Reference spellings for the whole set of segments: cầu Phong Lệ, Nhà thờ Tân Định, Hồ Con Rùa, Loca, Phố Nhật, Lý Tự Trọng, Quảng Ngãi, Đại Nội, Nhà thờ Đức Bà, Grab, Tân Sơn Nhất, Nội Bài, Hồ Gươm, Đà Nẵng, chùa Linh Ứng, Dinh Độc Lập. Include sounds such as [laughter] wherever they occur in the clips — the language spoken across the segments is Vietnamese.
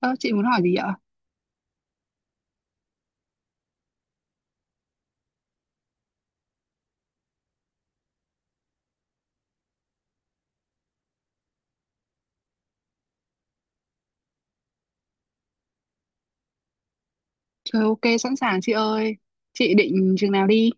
Ơ, chị muốn hỏi gì ạ? Trời, ok, sẵn sàng chị ơi. Chị định chừng nào đi?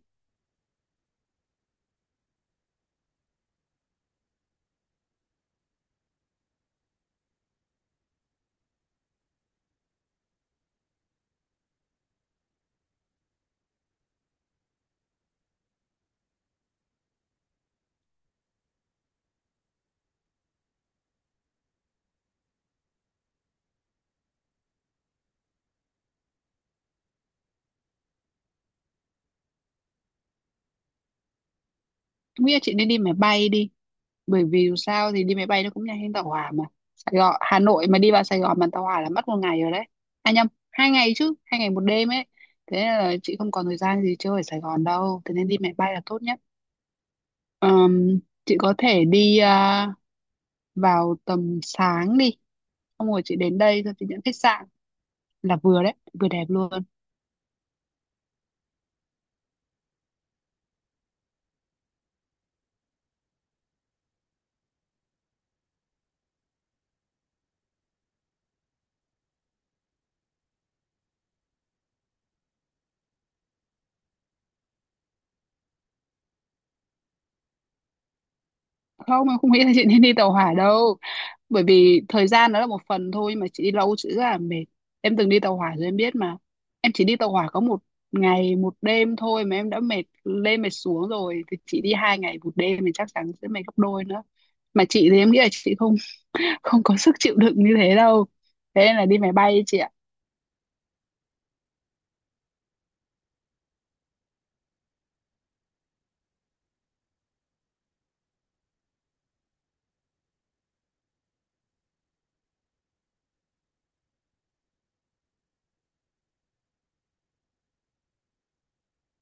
Em nghĩ là chị nên đi máy bay đi. Bởi vì dù sao thì đi máy bay nó cũng nhanh hơn tàu hỏa mà. Sài Gòn, Hà Nội mà đi vào Sài Gòn bằng tàu hỏa là mất một ngày rồi đấy. À nhầm, 2 ngày chứ, 2 ngày 1 đêm ấy. Thế nên là chị không còn thời gian gì chơi ở Sài Gòn đâu. Thế nên đi máy bay là tốt nhất. Ờm, chị có thể vào tầm sáng đi. Xong rồi chị đến đây rồi chị nhận khách sạn là vừa đấy, vừa đẹp luôn. Không, em không nghĩ là chị nên đi tàu hỏa đâu, bởi vì thời gian đó là một phần thôi, mà chị đi lâu chị rất là mệt. Em từng đi tàu hỏa rồi em biết mà. Em chỉ đi tàu hỏa có một ngày một đêm thôi mà em đã mệt lên mệt xuống rồi, thì chị đi 2 ngày 1 đêm thì chắc chắn sẽ mệt gấp đôi nữa. Mà chị thì em nghĩ là chị không [laughs] không có sức chịu đựng như thế đâu. Thế nên là đi máy bay ấy chị ạ.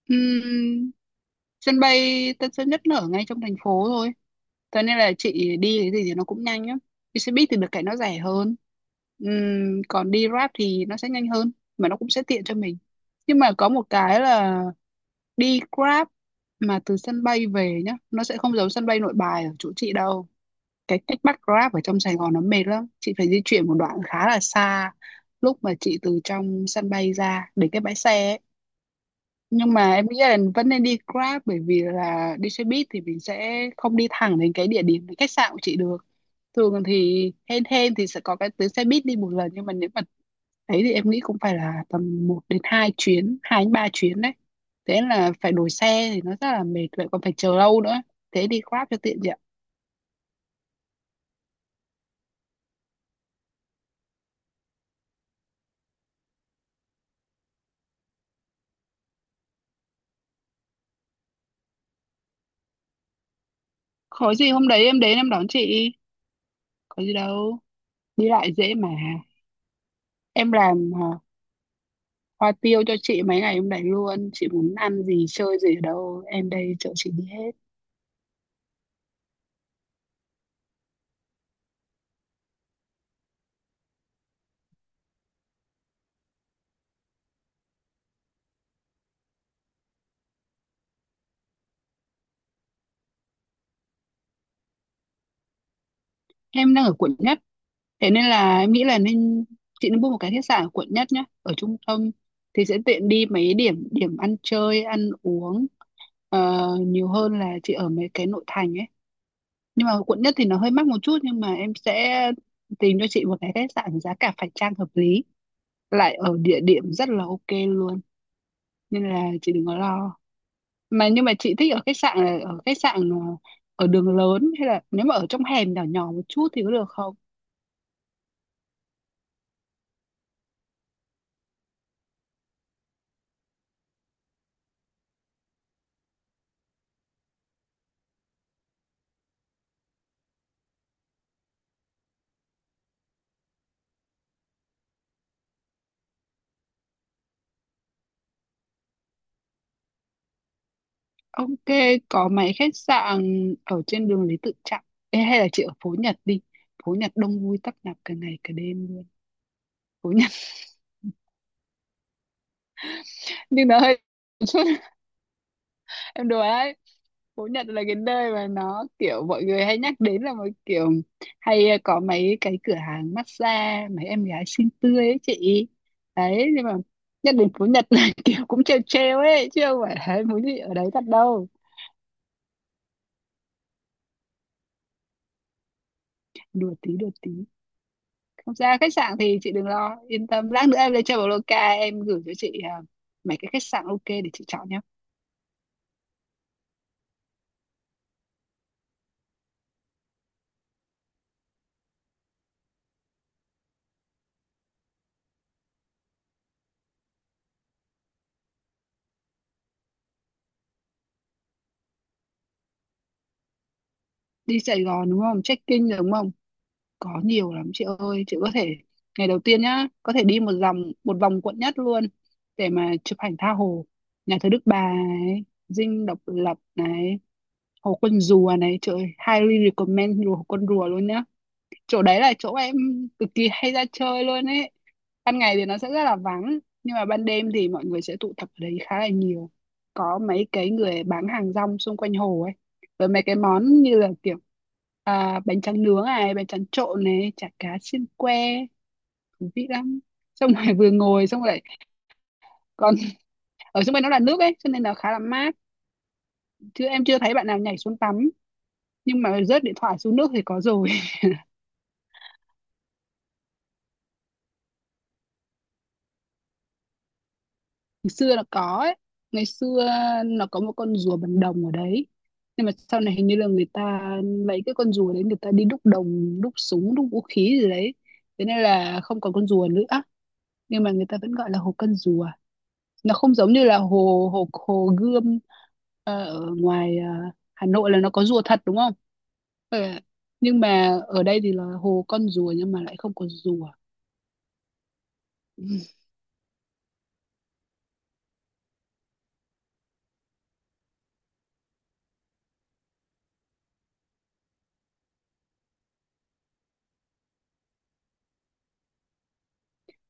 Ừm, Sân bay Tân Sơn Nhất nó ở ngay trong thành phố thôi. Thế nên là chị đi cái gì thì nó cũng nhanh á. Đi xe buýt thì được cái nó rẻ hơn. Còn đi Grab thì nó sẽ nhanh hơn, mà nó cũng sẽ tiện cho mình. Nhưng mà có một cái là đi Grab mà từ sân bay về nhá, nó sẽ không giống sân bay Nội Bài ở chỗ chị đâu. Cái cách bắt Grab ở trong Sài Gòn nó mệt lắm. Chị phải di chuyển một đoạn khá là xa lúc mà chị từ trong sân bay ra đến cái bãi xe ấy. Nhưng mà em nghĩ là vẫn nên đi Grab, bởi vì là đi xe buýt thì mình sẽ không đi thẳng đến cái địa điểm, cái khách sạn của chị được. Thường thì hên hên thì sẽ có cái tuyến xe buýt đi một lần, nhưng mà nếu mà ấy thì em nghĩ cũng phải là tầm 1 đến 2 chuyến, 2 đến 3 chuyến đấy. Thế là phải đổi xe thì nó rất là mệt, vậy còn phải chờ lâu nữa. Thế đi Grab cho tiện chị ạ. Có gì hôm đấy em đến em đón chị. Có gì đâu, đi lại dễ mà. Em làm hoa tiêu cho chị mấy ngày hôm đấy luôn. Chị muốn ăn gì chơi gì ở đâu, em đây chở chị đi hết. Em đang ở quận Nhất. Thế nên là em nghĩ là chị nên book một cái khách sạn ở quận Nhất nhé. Ở trung tâm thì sẽ tiện đi mấy điểm điểm ăn chơi, ăn uống, nhiều hơn là chị ở mấy cái nội thành ấy. Nhưng mà quận Nhất thì nó hơi mắc một chút, nhưng mà em sẽ tìm cho chị một cái khách sạn giá cả phải chăng hợp lý. Lại ở địa điểm rất là ok luôn. Nên là chị đừng có lo. Mà nhưng mà chị thích ở khách sạn là ở khách sạn à, ở đường lớn hay là nếu mà ở trong hẻm nhỏ nhỏ một chút thì có được không? Ok, có mấy khách sạn ở trên đường Lý Tự Trọng. Ê, hay là chị ở phố Nhật đi, phố Nhật đông vui tấp nập cả ngày cả đêm luôn. Phố Nhật [laughs] nhưng nó hơi, em đùa đấy. Phú Nhật là cái nơi mà nó kiểu mọi người hay nhắc đến là một kiểu hay, có mấy cái cửa hàng massage, mấy em gái xinh tươi ấy chị. Đấy, nhưng mà nhắc đến Phú Nhật là [laughs] kiểu cũng trêu trêu ấy, chứ không phải là [laughs] muốn gì ở đấy thật đâu. Đùa tí đùa tí. Không sao, khách sạn thì chị đừng lo, yên tâm, lát nữa em lên chơi vào Loca em gửi cho chị, mấy cái khách sạn ok để chị chọn nhé. Đi Sài Gòn đúng không, check-in đúng không? Có nhiều lắm chị ơi, chị có thể ngày đầu tiên nhá, có thể đi một vòng quận Nhất luôn để mà chụp ảnh tha hồ. Nhà thờ Đức Bà này, dinh Độc Lập này, hồ Con Rùa này, trời ơi, highly recommend hồ Con Rùa luôn nhá. Chỗ đấy là chỗ em cực kỳ hay ra chơi luôn ấy. Ban ngày thì nó sẽ rất là vắng, nhưng mà ban đêm thì mọi người sẽ tụ tập ở đấy khá là nhiều. Có mấy cái người bán hàng rong xung quanh hồ ấy, với mấy cái món như là kiểu bánh tráng nướng này, bánh tráng trộn này, chả cá xiên que, thú vị lắm. Xong rồi vừa ngồi xong rồi, còn ở xung quanh nó là nước ấy, cho nên là khá là mát. Chứ em chưa thấy bạn nào nhảy xuống tắm, nhưng mà rớt điện thoại xuống nước thì có rồi. Ngày xưa nó có ấy, ngày xưa nó có một con rùa bằng đồng ở đấy. Nhưng mà sau này hình như là người ta lấy cái con rùa đấy, người ta đi đúc đồng, đúc súng, đúc vũ khí gì đấy, thế nên là không còn con rùa nữa, nhưng mà người ta vẫn gọi là hồ Con Rùa. Nó không giống như là hồ hồ hồ Gươm, ở ngoài Hà Nội là nó có rùa thật đúng không. Ờ, nhưng mà ở đây thì là hồ Con Rùa nhưng mà lại không có rùa.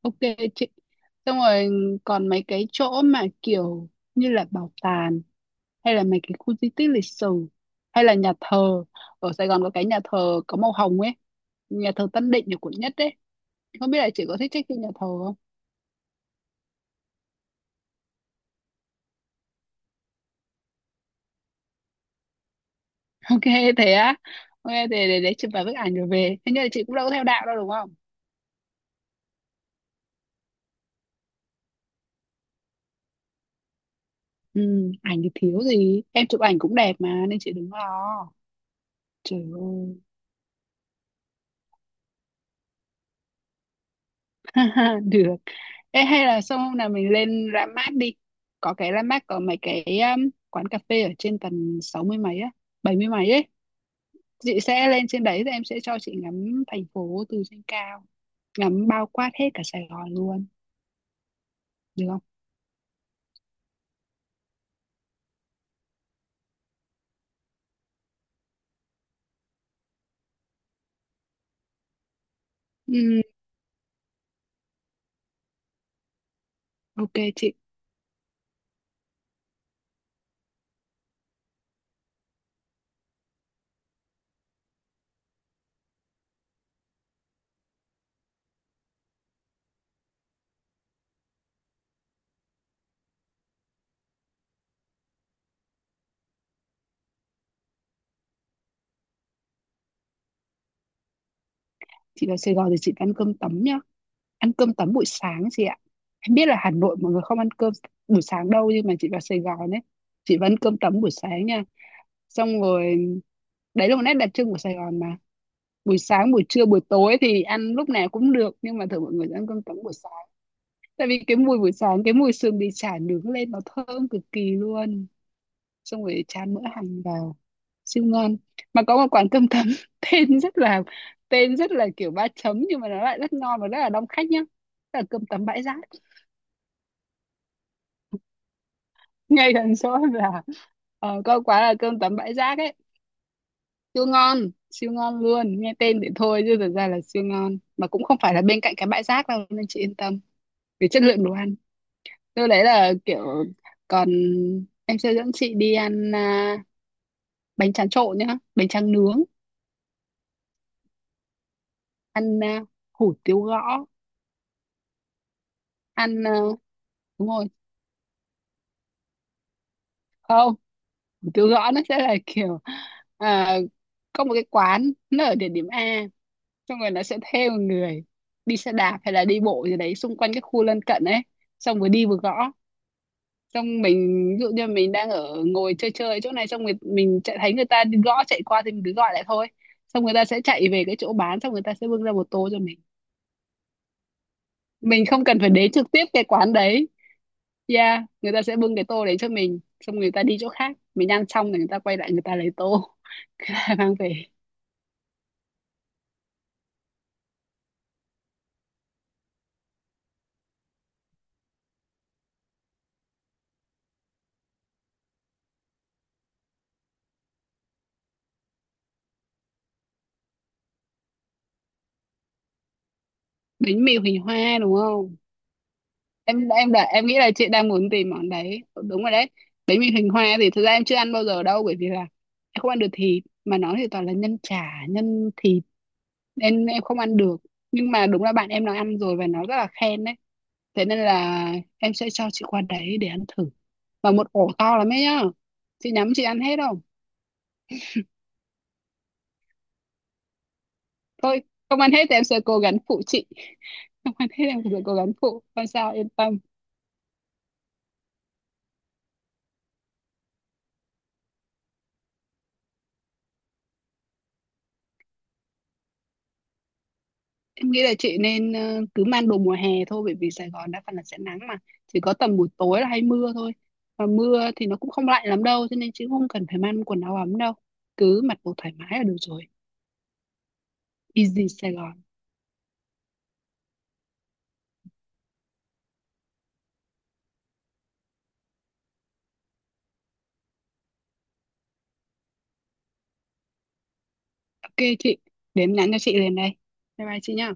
Ok chị, xong rồi còn mấy cái chỗ mà kiểu như là bảo tàng, hay là mấy cái khu di tích lịch sử, hay là nhà thờ. Ở Sài Gòn có cái nhà thờ có màu hồng ấy, nhà thờ Tân Định ở quận Nhất đấy. Không biết là chị có thích check in nhà thờ không. [laughs] Ok, thế á. Ok, thế để chụp vài bức ảnh rồi về, thế nhưng là chị cũng đâu có theo đạo đâu đúng không. Ừ, ảnh thì thiếu gì, em chụp ảnh cũng đẹp mà nên chị đừng lo. Trời ơi [laughs] được. Ê, hay là xong hôm nào mình lên ra mát đi, có cái ra mát có mấy cái quán cà phê ở trên tầng 60 mấy á, 70 mấy ấy. Chị sẽ lên trên đấy rồi em sẽ cho chị ngắm thành phố từ trên cao, ngắm bao quát hết cả Sài Gòn luôn, được không? Ừ, ok chị. Chị vào Sài Gòn thì chị ăn cơm tấm nhá, ăn cơm tấm buổi sáng chị ạ. Em biết là Hà Nội mọi người không ăn cơm buổi sáng đâu, nhưng mà chị vào Sài Gòn ấy, chị vẫn cơm tấm buổi sáng nha. Xong rồi đấy là một nét đặc trưng của Sài Gòn mà. Buổi sáng, buổi trưa, buổi tối thì ăn lúc nào cũng được, nhưng mà thường mọi người sẽ ăn cơm trắng buổi sáng. Tại vì cái mùi buổi sáng cái mùi sườn bị chả nướng lên nó thơm cực kỳ luôn. Xong rồi chan mỡ hành vào, siêu ngon. Mà có một quán cơm tấm [laughs] tên rất là tên rất là kiểu ba chấm, nhưng mà nó lại rất ngon và rất là đông khách nhá, là cơm tấm Bãi Rác. Ngay gần chỗ là, có quán là cơm tấm Bãi Rác ấy, siêu ngon, siêu ngon luôn. Nghe tên thì thôi, chứ thực ra là siêu ngon, mà cũng không phải là bên cạnh cái bãi rác đâu nên chị yên tâm về chất lượng đồ ăn. Tôi đấy là kiểu, còn em sẽ dẫn chị đi ăn bánh tráng trộn nhá, bánh tráng nướng, ăn hủ tiếu gõ, ăn đúng rồi. Không, hủ tiếu gõ nó sẽ là kiểu à, có một cái quán nó ở địa điểm A, xong rồi nó sẽ thuê một người đi xe đạp hay là đi bộ gì đấy xung quanh cái khu lân cận ấy, xong vừa đi vừa gõ. Xong mình ví dụ như mình đang ở ngồi chơi chơi chỗ này, xong người mình chạy thấy người ta đi gõ chạy qua thì mình cứ gọi lại thôi. Xong người ta sẽ chạy về cái chỗ bán, xong người ta sẽ bưng ra một tô cho mình không cần phải đến trực tiếp cái quán đấy. Yeah, người ta sẽ bưng cái tô đấy cho mình, xong người ta đi chỗ khác, mình ăn xong thì người ta quay lại người ta lấy tô [laughs] mang về. Bánh mì hình hoa đúng không? Em em đã em nghĩ là chị đang muốn tìm món đấy, đúng rồi đấy. Bánh mì hình hoa thì thực ra em chưa ăn bao giờ đâu, bởi vì là em không ăn được thịt, mà nó thì toàn là nhân chả nhân thịt nên em không ăn được. Nhưng mà đúng là bạn em nó ăn rồi và nó rất là khen đấy. Thế nên là em sẽ cho chị qua đấy để ăn thử. Và một ổ to lắm ấy nhá, chị nhắm chị ăn hết không? Thôi, không ăn hết thì em sẽ cố gắng phụ chị. [laughs] Không ăn hết em sẽ cố gắng phụ, không sao, yên tâm. Em nghĩ là chị nên cứ mang đồ mùa hè thôi, bởi vì Sài Gòn đa phần là sẽ nắng mà, chỉ có tầm buổi tối là hay mưa thôi. Và mưa thì nó cũng không lạnh lắm đâu, cho nên chị cũng không cần phải mang quần áo ấm đâu, cứ mặc đồ thoải mái là được rồi. Easy Sài Gòn. Ok chị, để em nhắn cho chị liền đây. Bye bye chị nhá.